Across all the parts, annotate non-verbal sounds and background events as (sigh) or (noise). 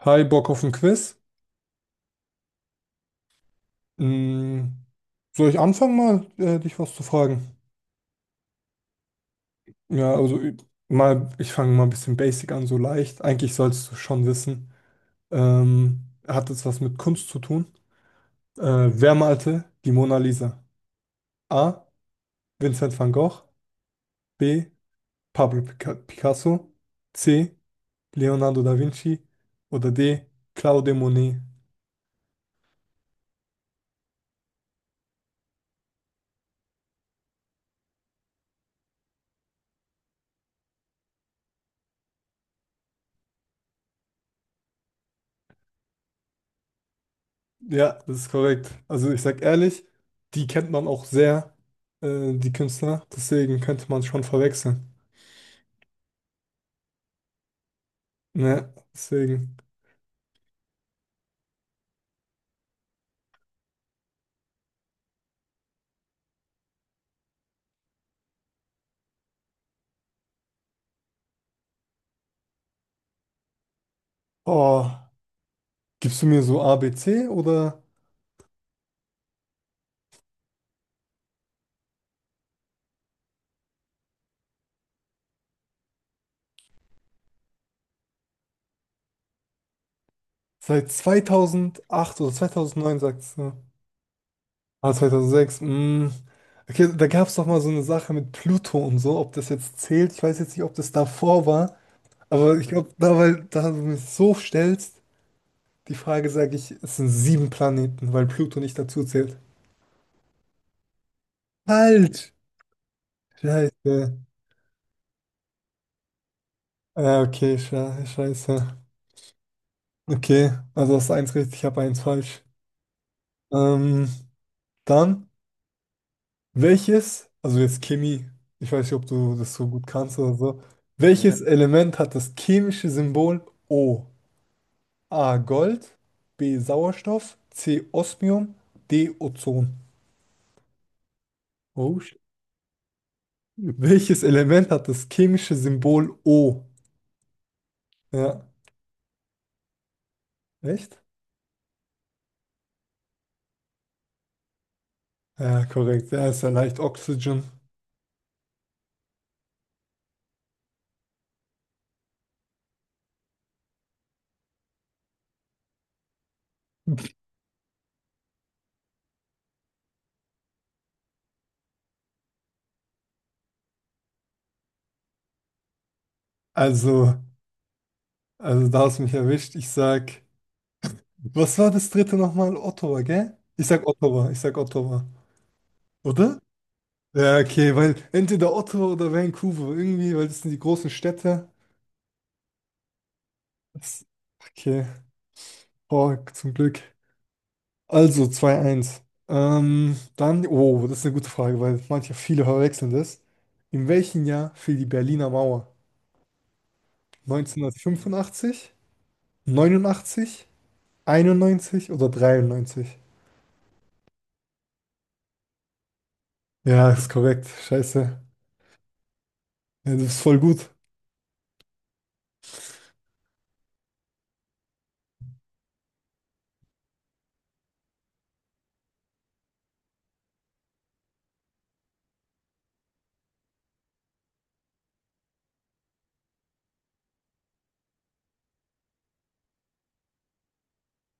Hi, Bock auf ein Quiz? Mm, Soll ich anfangen mal, dich was zu fragen? Also ich fange mal ein bisschen basic an, so leicht. Eigentlich sollst du schon wissen. Hat es was mit Kunst zu tun? Äh, Wer malte die Mona Lisa? A. Vincent van Gogh. B. Pablo Picasso. C. Leonardo da Vinci. Oder D. Claude Monet. Ja, das ist korrekt. Also ich sag ehrlich, die kennt man auch sehr, die Künstler. Deswegen könnte man schon verwechseln. Ne, deswegen. Oh, gibst du mir so A B C oder seit 2008 oder 2009 sagst du? Ah, 2006. Mm. Okay, da gab es doch mal so eine Sache mit Pluto und so, ob das jetzt zählt. Ich weiß jetzt nicht, ob das davor war, aber ich glaube, da, weil da du mich so stellst, die Frage sage ich, es sind sieben Planeten, weil Pluto nicht dazu zählt. Falsch! Scheiße. Ja, okay, scheiße. Okay, also hast du eins richtig, ich habe eins falsch. Ähm, Dann, welches, also jetzt Chemie, ich weiß nicht, ob du das so gut kannst oder so. Welches Ja. Element hat das chemische Symbol O? A. Gold, B. Sauerstoff, C. Osmium, D. Ozon. Oh, sh- Welches Element hat das chemische Symbol O? Ja, echt? Ja, korrekt. Ja, ist ja leicht Oxygen. Also. Also da hast du mich erwischt. Ich sag, was war das dritte nochmal? Ottawa, gell? Ich sag Ottawa, ich sag Ottawa. Oder? Ja, okay, weil entweder Ottawa oder Vancouver, irgendwie, weil das sind die großen Städte. Das, okay, boah, zum Glück. Also zwei eins. Dann, oh, das ist eine gute Frage, weil manche, viele verwechseln das. In welchem Jahr fiel die Berliner Mauer? 1985, 89, 91 oder 93? Ja, ist korrekt. Scheiße. Ja, das ist voll gut.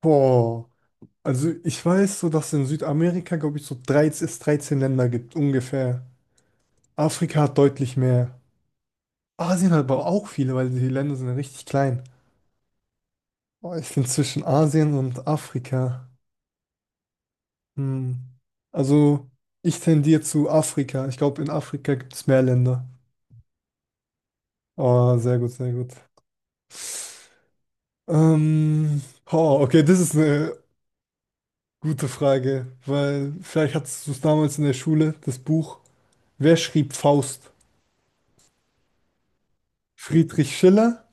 Boah. Also ich weiß so, dass es in Südamerika, glaube ich, so 13 es 13 Länder gibt, ungefähr. Afrika hat deutlich mehr. Asien hat aber auch viele, weil die Länder sind ja richtig klein. Boah, ich finde zwischen Asien und Afrika. Hm. Also ich tendiere zu Afrika. Ich glaube, in Afrika gibt es mehr Länder. Oh, sehr gut, sehr gut. Boah, okay, das ist eine gute Frage, weil vielleicht hattest du es damals in der Schule, das Buch. Wer schrieb Faust? Friedrich Schiller,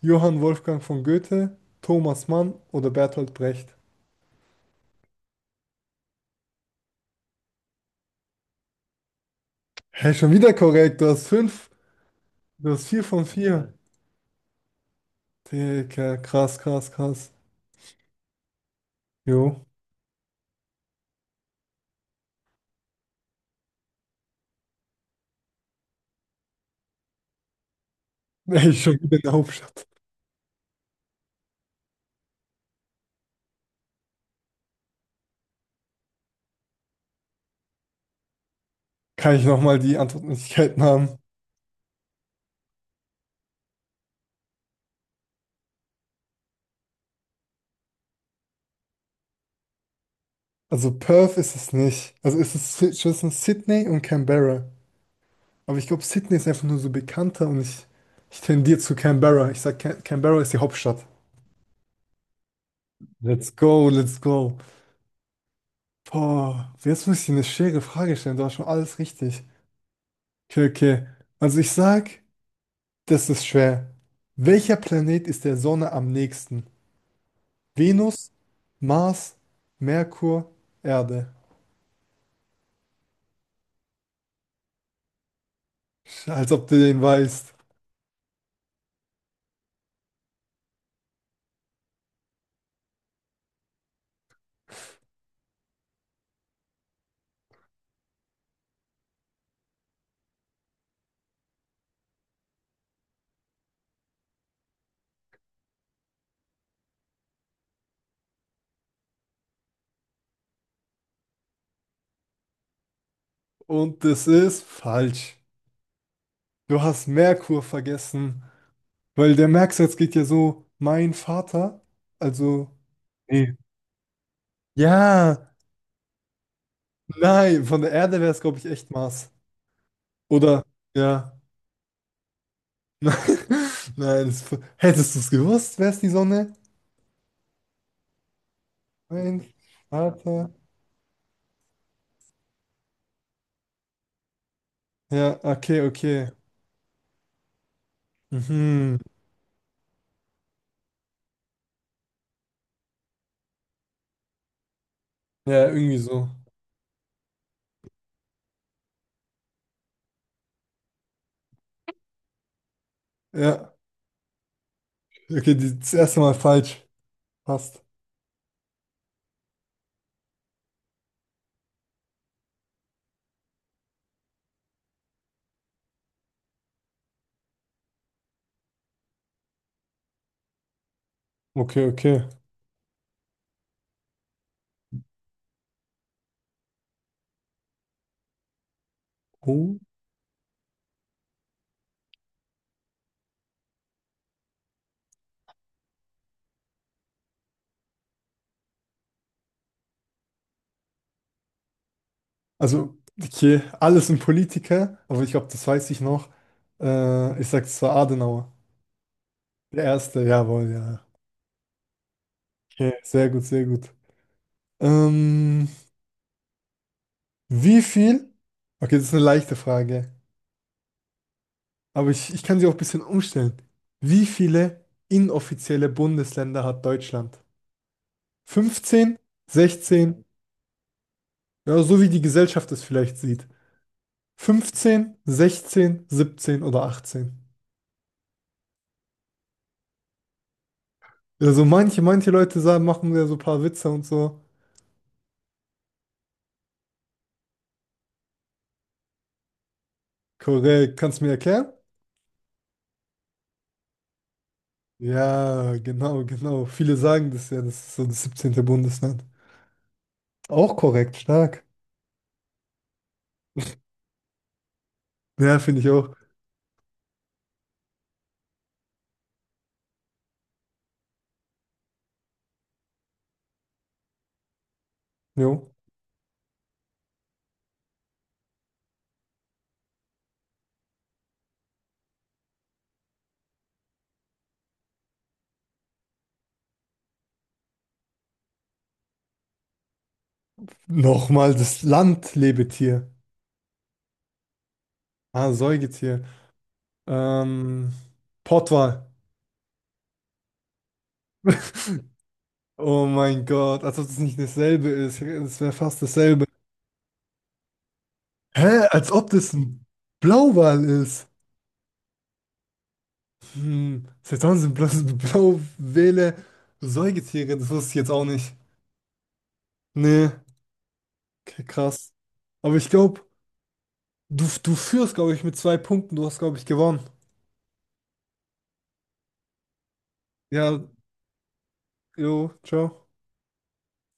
Johann Wolfgang von Goethe, Thomas Mann oder Bertolt Brecht? Hey, schon wieder korrekt. Du hast fünf. Du hast vier von vier. Jawohl. Digga, krass, krass, krass. Jo. (laughs) Hey, schon wieder in der Hauptstadt. Kann ich nochmal die Antwortmöglichkeiten haben? Also Perth ist es nicht. Also ist es ist zwischen Sydney und Canberra. Aber ich glaube, Sydney ist einfach nur so bekannter und ich tendiere zu Canberra. Ich sag, Canberra ist die Hauptstadt. Let's go, let's go. Boah, jetzt muss ich dir eine schwere Frage stellen. Du hast schon alles richtig. Okay, okay. Also ich sag, das ist schwer. Welcher Planet ist der Sonne am nächsten? Venus, Mars, Merkur, Erde. Als ob du den weißt. Und das ist falsch. Du hast Merkur vergessen. Weil der Merksatz geht ja so, mein Vater. Also. Nee. Ja, nein, von der Erde wäre es, glaube ich, echt Mars. Oder? Ja. (laughs) Nein, es, hättest du es gewusst, wäre es die Sonne? Nein, Vater. Ja, okay, okay. Mhm. Ja, irgendwie so. Ja, okay, die, das erste Mal falsch. Passt. Okay, okay. Oh. Also, okay, alles ein Politiker, aber ich glaube, das weiß ich noch. Ich sag, es war Adenauer. Der erste, jawohl, ja. Okay, sehr gut, sehr gut. Ähm, Wie viel? Okay, das ist eine leichte Frage. Aber ich kann sie auch ein bisschen umstellen. Wie viele inoffizielle Bundesländer hat Deutschland? 15, 16, ja, so wie die Gesellschaft es vielleicht sieht. 15, 16, 17 oder 18. Also manche Leute sagen, machen ja so ein paar Witze und so. Korrekt, kannst du mir erklären? Ja, genau, genau. Viele sagen das ja, das ist so das 17. Bundesland. Auch korrekt, stark. Ja, finde ich auch. Jo. Nochmal das Land, Lebetier. Ah, Säugetier. Ähm, Pottwal. (laughs) Oh mein Gott, als ob das nicht dasselbe ist. Es wäre fast dasselbe. Hä? Als ob das ein Blauwal ist. Hm, seit wann sind bloß Blauwale (laughs) Säugetiere? Das wusste ich jetzt auch nicht. Nee, okay, krass. Aber ich glaube, du führst, glaube ich, mit zwei Punkten. Du hast, glaube ich, gewonnen. Ja, jo, ciao.